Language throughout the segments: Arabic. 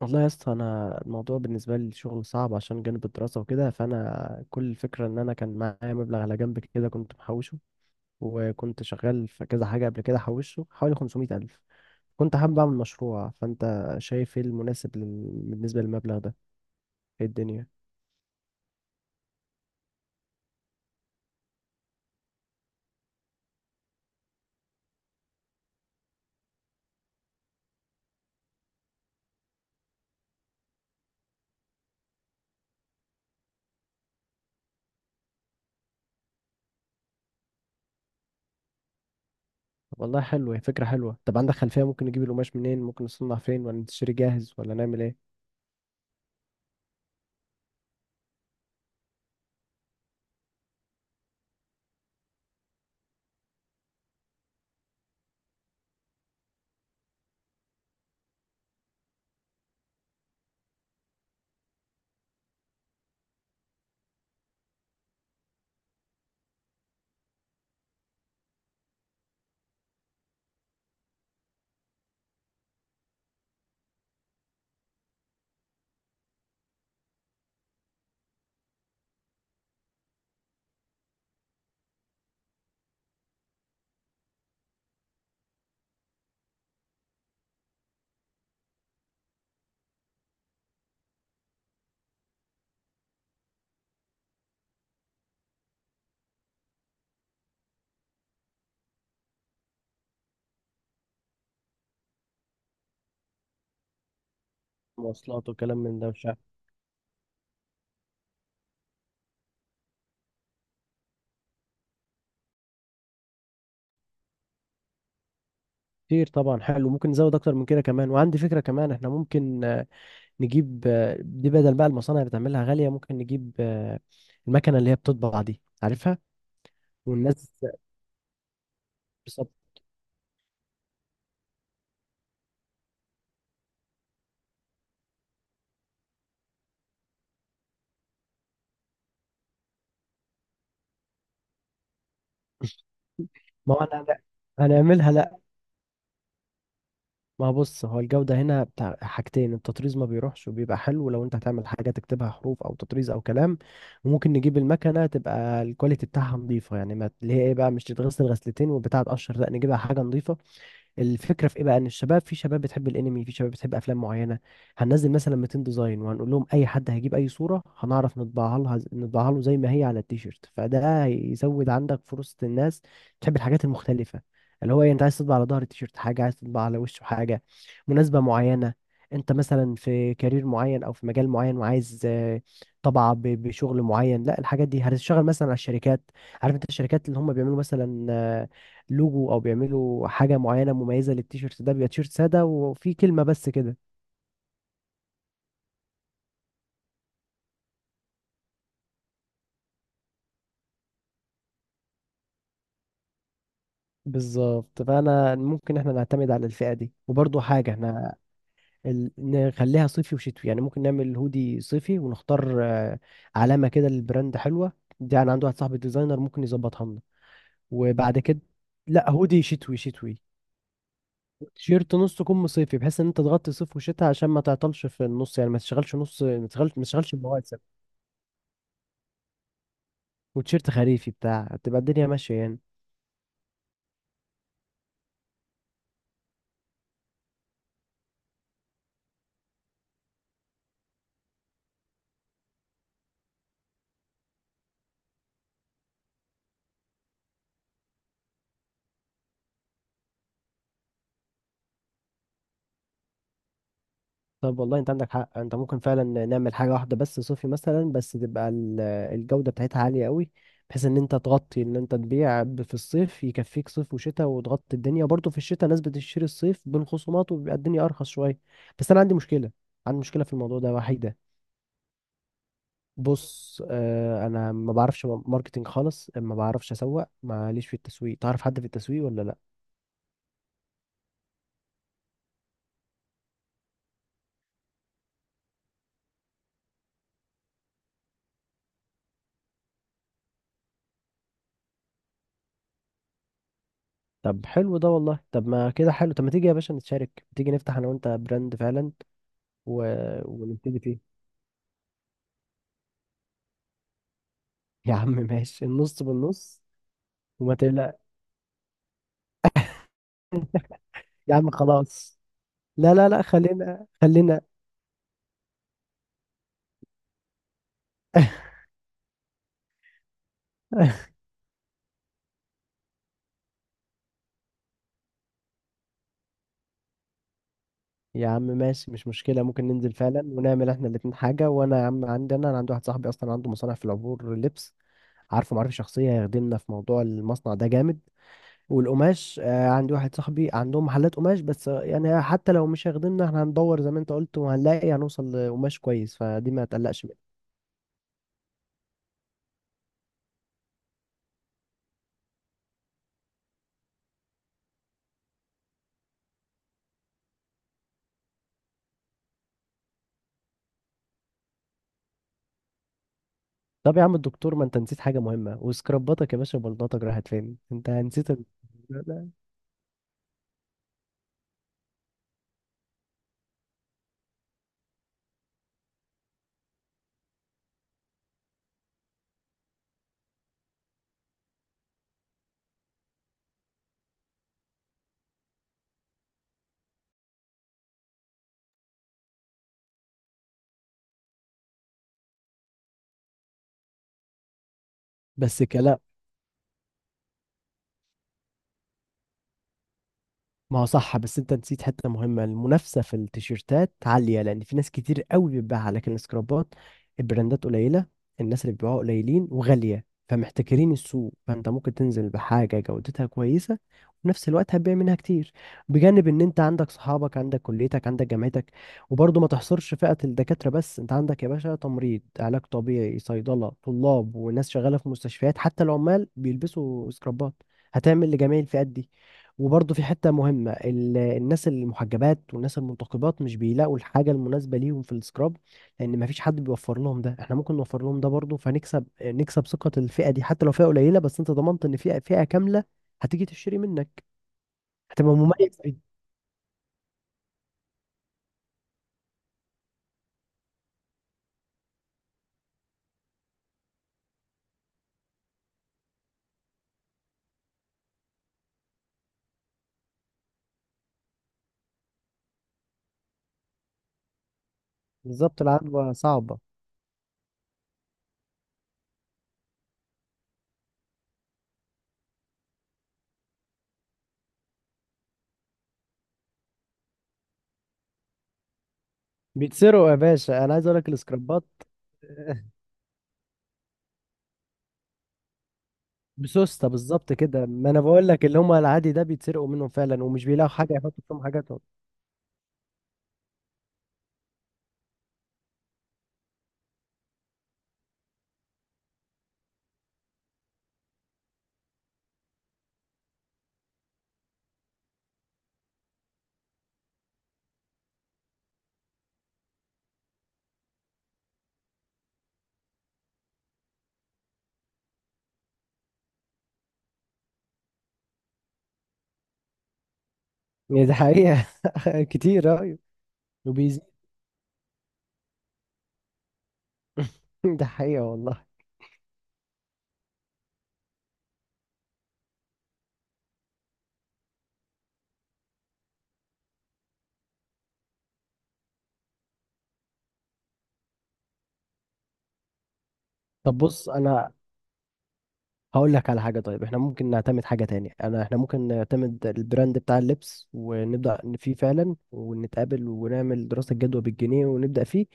والله يا اسطى، انا الموضوع بالنسبه لي الشغل صعب عشان جانب الدراسه وكده. فانا كل الفكره ان انا كان معايا مبلغ على جنب كده كنت محوشه. وكنت شغال في كذا حاجه قبل كده حوشه حوالي 500 الف. كنت حابب اعمل مشروع. فانت شايف ايه المناسب بالنسبه للمبلغ ده؟ ايه الدنيا؟ والله حلوه، هي فكره حلوه. طب عندك خلفيه ممكن نجيب القماش منين؟ ممكن نصنع فين، ولا نشتري جاهز، ولا نعمل ايه؟ مواصلات وكلام من ده، مش عارف. كتير طبعا. حلو، ممكن نزود اكتر من كده كمان. وعندي فكره كمان، احنا ممكن نجيب دي. بدل بقى المصانع بتعملها غالية، ممكن نجيب المكنة اللي هي بتطبع دي، عارفها؟ والناس. بالظبط. ما هو هنعملها. لا. ما هو بص، هو الجودة هنا بتاع حاجتين: التطريز ما بيروحش وبيبقى حلو لو انت هتعمل حاجة تكتبها حروف او تطريز او كلام. وممكن نجيب المكنة تبقى الكواليتي بتاعها نظيفة يعني، ما اللي هي ايه بقى، مش تتغسل غسلتين والبتاعة تقشر، لا نجيبها حاجة نظيفة. الفكره في ايه بقى؟ ان الشباب، في شباب بتحب الانمي، في شباب بتحب افلام معينه. هننزل مثلا 200 ديزاين وهنقول لهم اي حد هيجيب اي صوره هنعرف نطبعها لها، نطبعها له زي ما هي على التيشيرت. فده هيزود عندك فرصه، الناس تحب الحاجات المختلفه. اللي هو إيه، انت عايز تطبع على ظهر التيشيرت حاجه، عايز تطبع على وشه حاجه، مناسبه معينه. انت مثلا في كارير معين او في مجال معين وعايز طبعة بشغل معين. لا، الحاجات دي هتشتغل مثلا على الشركات. عارف انت الشركات اللي هم بيعملوا مثلا لوجو او بيعملوا حاجه معينه مميزه للتيشيرت، ده بيبقى تيشيرت ساده وفي كلمه بس كده. بالظبط. فانا ممكن احنا نعتمد على الفئه دي. وبرضو حاجه، احنا نخليها صيفي وشتوي، يعني ممكن نعمل هودي صيفي ونختار علامه كده للبراند حلوه. دي انا عندي واحد صاحبي ديزاينر ممكن يظبطها لنا. وبعد كده، لا هودي شتوي شتوي. تيشيرت نص كم صيفي، بحيث ان انت تغطي صيف وشتاء، عشان ما تعطلش في النص، يعني ما تشغلش نص، ما تشغلش المواسم. وتيشيرت خريفي بتاع تبقى الدنيا ماشيه يعني. طب والله انت عندك حق، انت ممكن فعلا نعمل حاجه واحده بس صوفي مثلا، بس تبقى الجوده بتاعتها عاليه قوي، بحيث ان انت تغطي، ان انت تبيع في الصيف يكفيك صيف وشتاء وتغطي الدنيا برضه. في الشتاء ناس بتشتري الصيف بين خصومات وبيبقى الدنيا ارخص شويه. بس انا عندي مشكله، عندي مشكله في الموضوع ده وحيده. بص، اه انا ما بعرفش ماركتينج خالص، ما بعرفش اسوق، ماليش في التسويق. تعرف حد في التسويق ولا لا؟ طب حلو ده والله. طب ما كده حلو. طب ما تيجي يا باشا نتشارك، تيجي نفتح انا وانت براند فعلا و... ونبتدي فيه. يا عم ماشي، النص بالنص. وما تقلق يا عم، خلاص. لا لا لا، خلينا خلينا. يا عم ماشي، مش مشكلة، ممكن ننزل فعلا ونعمل احنا الاتنين حاجة. وانا يا عم عندي، انا عندي واحد صاحبي اصلا عنده مصنع في العبور لبس، عارفه معرفة شخصية، هيخدمنا في موضوع المصنع ده جامد. والقماش آه، عندي واحد صاحبي عندهم محلات قماش، بس يعني حتى لو مش هيخدمنا احنا هندور زي ما انت قلت، هنوصل لقماش كويس، فدي ما تقلقش. طب يا عم الدكتور، ما انت نسيت حاجة مهمة، وسكرباتك يا باشا، بلطتك راحت فين؟ انت نسيت بس كلام. ما هو صح، بس انت نسيت حته مهمه، المنافسه في التيشيرتات عاليه لان في ناس كتير قوي بتبيعها، لكن السكرابات البراندات قليله، الناس اللي بيبيعوها قليلين وغاليه، فمحتكرين السوق. فانت ممكن تنزل بحاجه جودتها كويسه، وفي نفس الوقت هتبيع منها كتير. بجانب ان انت عندك صحابك، عندك كليتك، عندك جامعتك. وبرضه ما تحصرش فئه الدكاتره بس، انت عندك يا باشا تمريض، علاج طبيعي، صيدله، طلاب، وناس شغاله في مستشفيات، حتى العمال بيلبسوا سكرابات. هتعمل لجميع الفئات دي. وبرضه في حتة مهمة، الناس المحجبات والناس المنتقبات مش بيلاقوا الحاجة المناسبة ليهم في السكراب، لأن مفيش حد بيوفر لهم ده. احنا ممكن نوفر لهم ده برضه، فنكسب ثقة الفئة دي. حتى لو فئة قليلة، بس انت ضمنت ان فئة كاملة هتيجي تشتري منك. هتبقى مميز فيه. بالظبط، العدوى صعبة. بيتسرقوا يا باشا، انا عايز اقول لك السكرابات. بسوسته. بالظبط كده. ما انا بقول لك، اللي هم العادي ده بيتسرقوا منهم فعلا، ومش بيلاقوا حاجه يحطوا فيهم حاجاتهم. يعني دي حقيقه. كتير. ايوه. ده حقيقة والله. طب بص، انا هقول لك على حاجة. طيب احنا ممكن نعتمد حاجة تاني، انا احنا ممكن نعتمد البراند بتاع اللبس ونبدأ فيه فعلا، ونتقابل ونعمل دراسة جدوى بالجنيه ونبدأ فيه.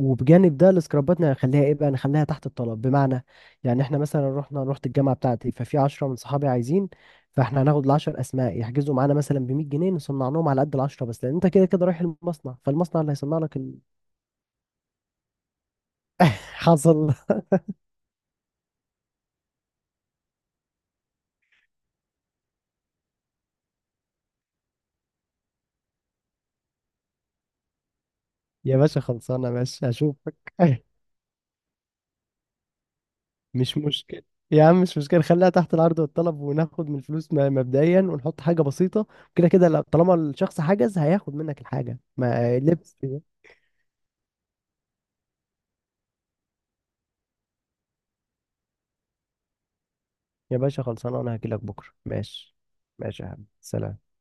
وبجانب ده السكرابات نخليها ايه بقى، نخليها تحت الطلب. بمعنى يعني احنا مثلا رحت الجامعة بتاعتي، ففي عشرة من صحابي عايزين، فاحنا هناخد العشر اسماء يحجزوا معانا مثلا ب 100 جنيه، نصنع لهم على قد العشرة بس، لان انت كده كده رايح المصنع، فالمصنع اللي هيصنع لك حصل. يا باشا خلصانة، ماشي هشوفك. مش مشكلة. يا عم مش مشكلة، خليها تحت العرض والطلب، وناخد من الفلوس مبدئيا ونحط حاجة بسيطة. كده كده، طالما الشخص حجز هياخد منك الحاجة ما لبس. يا باشا خلصانة، أنا هجيلك بكرة ماشي. ماشي يا حبيبي، سلام.